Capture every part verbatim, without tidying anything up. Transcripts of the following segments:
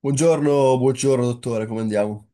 Buongiorno, buongiorno dottore, come andiamo?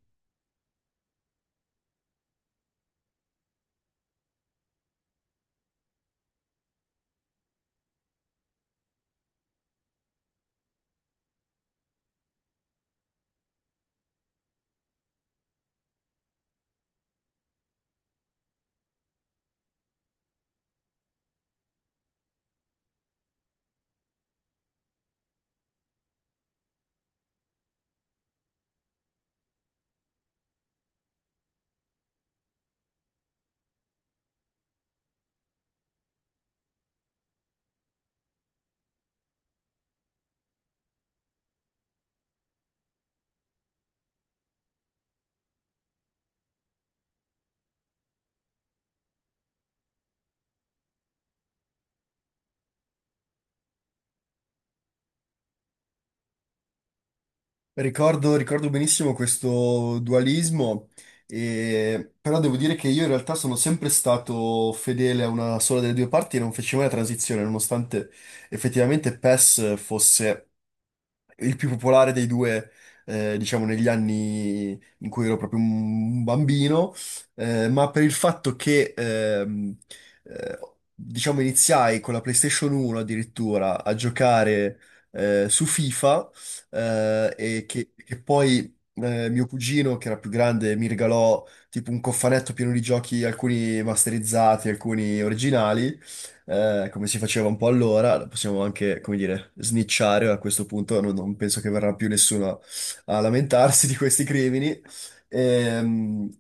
Ricordo, ricordo benissimo questo dualismo, e- però devo dire che io in realtà sono sempre stato fedele a una sola delle due parti e non feci mai la transizione, nonostante effettivamente PES fosse il più popolare dei due, eh, diciamo, negli anni in cui ero proprio un bambino, eh, ma per il fatto che, ehm, eh, diciamo, iniziai con la PlayStation uno addirittura a giocare, eh, su FIFA, eh, e che, che poi... eh, mio cugino, che era più grande, mi regalò tipo un cofanetto pieno di giochi, alcuni masterizzati, alcuni originali, eh, come si faceva un po' allora, la possiamo anche, come dire, snicciare a questo punto, non, non penso che verrà più nessuno a lamentarsi di questi crimini. Ehm,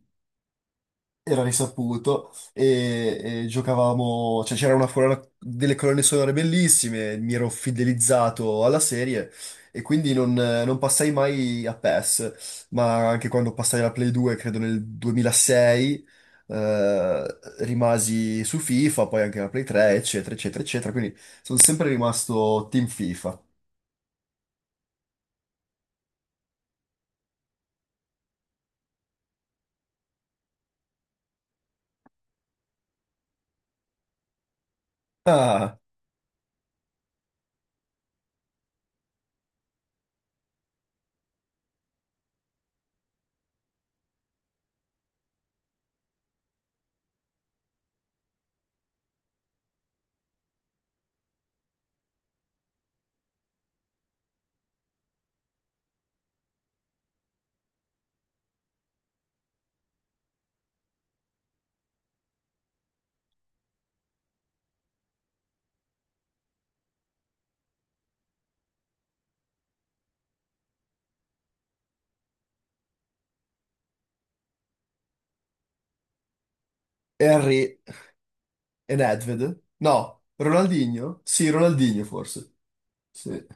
Era risaputo e, e giocavamo, cioè c'era una colonna, delle colonne sonore bellissime, mi ero fidelizzato alla serie e quindi non, non passai mai a PES, ma anche quando passai alla Play due, credo nel duemilasei, eh, rimasi su FIFA, poi anche la Play three, eccetera, eccetera, eccetera, quindi sono sempre rimasto team FIFA. Ah, Henry e Nedved? No, Ronaldinho? Sì, Ronaldinho forse. Sì.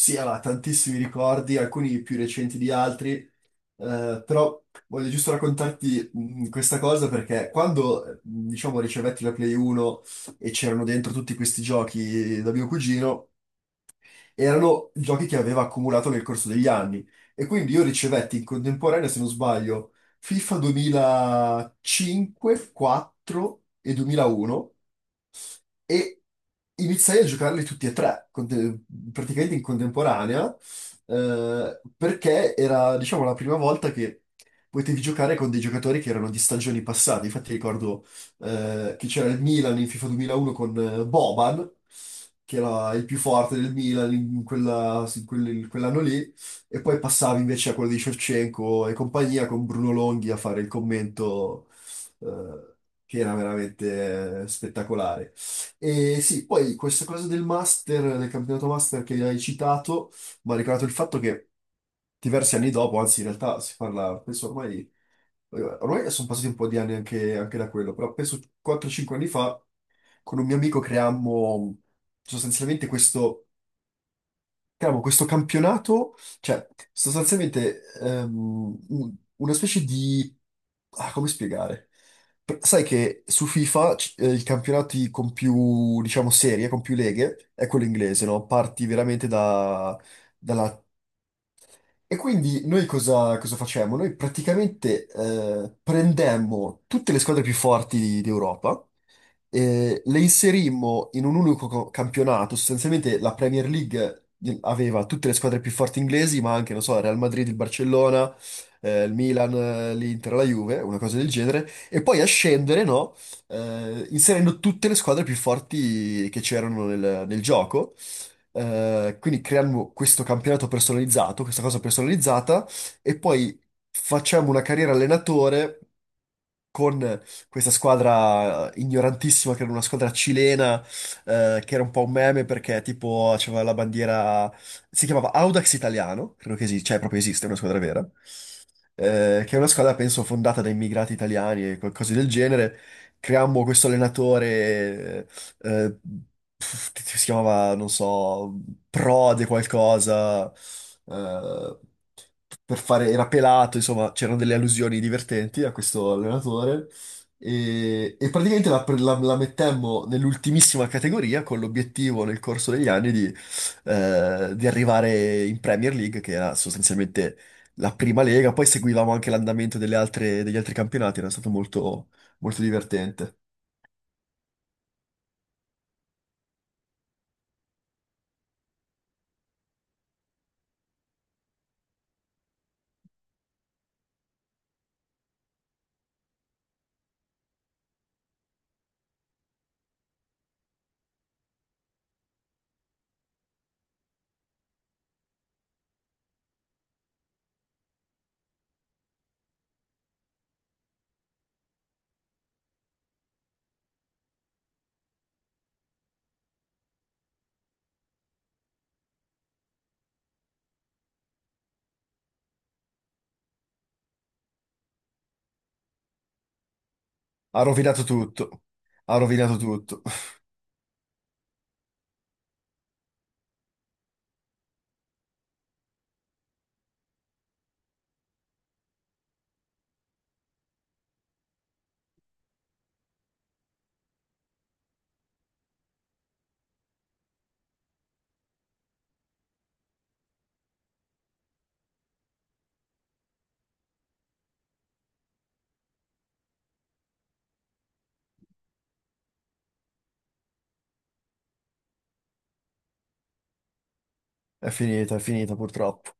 Sì, aveva tantissimi ricordi, alcuni più recenti di altri, eh, però voglio giusto raccontarti mh, questa cosa perché quando, eh, diciamo, ricevetti la Play uno e c'erano dentro tutti questi giochi da mio cugino, erano giochi che aveva accumulato nel corso degli anni e quindi io ricevetti in contemporanea, se non sbaglio, FIFA duemilacinque, quattro e duemilauno e iniziai a giocarli tutti e tre, conte- praticamente in contemporanea, eh, perché era, diciamo, la prima volta che potevi giocare con dei giocatori che erano di stagioni passate. Infatti ricordo eh, che c'era il Milan in FIFA duemilauno con eh, Boban, che era il più forte del Milan in quella- in quel- in quell'anno lì, e poi passavi invece a quello di Shevchenko e compagnia con Bruno Longhi a fare il commento eh, che era veramente eh, spettacolare. E sì, poi questa cosa del master, del campionato master che hai citato, mi ha ricordato il fatto che diversi anni dopo, anzi in realtà si parla, penso ormai, ormai sono passati un po' di anni anche, anche da quello, però penso quattro o cinque anni fa con un mio amico creammo sostanzialmente questo Cavolo, questo campionato, cioè, sostanzialmente ehm, un- una specie di. Ah, come spiegare? P- Sai che su FIFA c- eh, i campionati con più, diciamo, serie, con più leghe, è quello inglese, no? Parti veramente da, e quindi noi cosa, cosa facemmo? Noi praticamente eh, prendemmo tutte le squadre più forti di- d'Europa, eh, le inserimmo in un unico co- campionato, sostanzialmente la Premier League di- aveva tutte le squadre più forti inglesi, ma anche, non so, il Real Madrid, il Barcellona, eh, il Milan, eh, l'Inter, la Juve, una cosa del genere, e poi a scendere, no, eh, inserendo tutte le squadre più forti che c'erano nel nel gioco. Eh, quindi creiamo questo campionato personalizzato, questa cosa personalizzata, e poi facciamo una carriera allenatore con questa squadra eh, ignorantissima, che era una squadra cilena, eh, che era un po' un meme perché tipo aveva la bandiera, si chiamava Audax Italiano, credo che esista, cioè proprio esiste, è una squadra vera eh, che è una squadra, penso, fondata da immigrati italiani e co- cose del genere. Creammo questo allenatore, eh, eh, pff, che si chiamava, non so, Prode qualcosa, eh, per fare, era pelato, insomma, c'erano delle allusioni divertenti a questo allenatore. E, e praticamente la, pre- la- la mettemmo nell'ultimissima categoria con l'obiettivo nel corso degli anni di, eh, di arrivare in Premier League, che era sostanzialmente la prima lega, poi seguivamo anche l'andamento delle altre- degli altri campionati, era stato molto, molto divertente. Ha rovinato tutto, ha rovinato tutto. È finita, è finita purtroppo.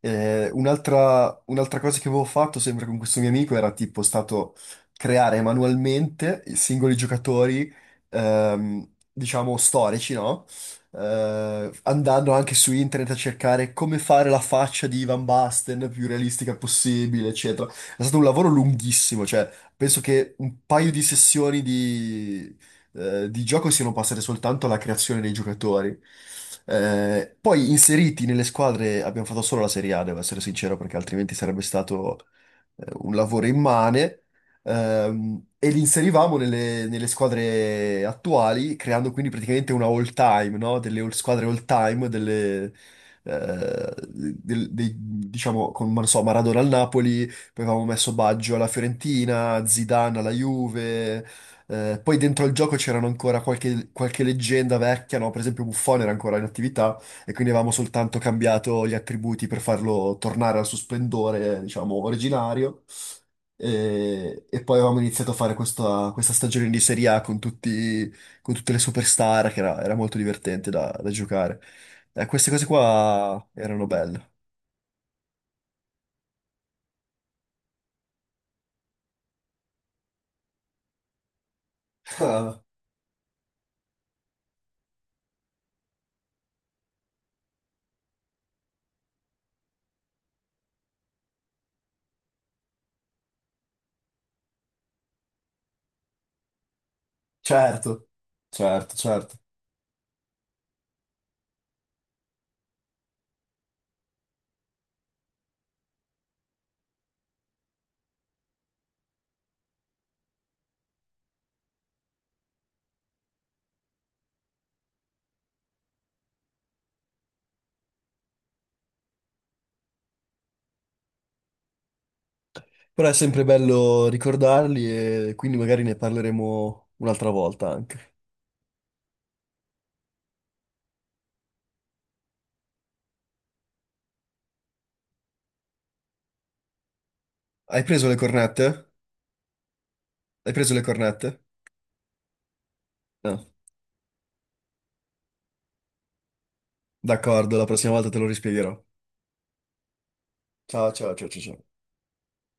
Eh, un'altra un'altra cosa che avevo fatto sempre con questo mio amico era tipo stato creare manualmente i singoli giocatori, ehm, diciamo, storici, no? Eh, andando anche su internet a cercare come fare la faccia di Van Basten più realistica possibile, eccetera. È stato un lavoro lunghissimo, cioè penso che un paio di sessioni eh, di gioco siano passate soltanto alla creazione dei giocatori. Eh, poi inseriti nelle squadre abbiamo fatto solo la Serie A, devo essere sincero, perché altrimenti sarebbe stato eh, un lavoro immane. Ehm, e li inserivamo nelle, nelle squadre attuali, creando quindi praticamente una all time, no? Delle all- squadre all time, delle, eh, del- dei- diciamo, con non so, Maradona al Napoli, poi avevamo messo Baggio alla Fiorentina, Zidane alla Juve, eh, poi dentro al gioco c'erano ancora qualche, qualche leggenda vecchia, no? Per esempio Buffon era ancora in attività e quindi avevamo soltanto cambiato gli attributi per farlo tornare al suo splendore, diciamo, originario. E, e poi avevamo iniziato a fare questa, questa stagione di Serie A con tutti, con tutte le superstar, che era, era molto divertente da, da giocare. Eh, queste cose qua erano belle. Ah, certo, certo, certo. Però è sempre bello ricordarli e quindi magari ne parleremo un'altra volta anche. Hai preso le cornette? Hai preso le cornette? No. D'accordo, la prossima volta te lo rispiegherò. Ciao, ciao, ciao, ciao. Ciao.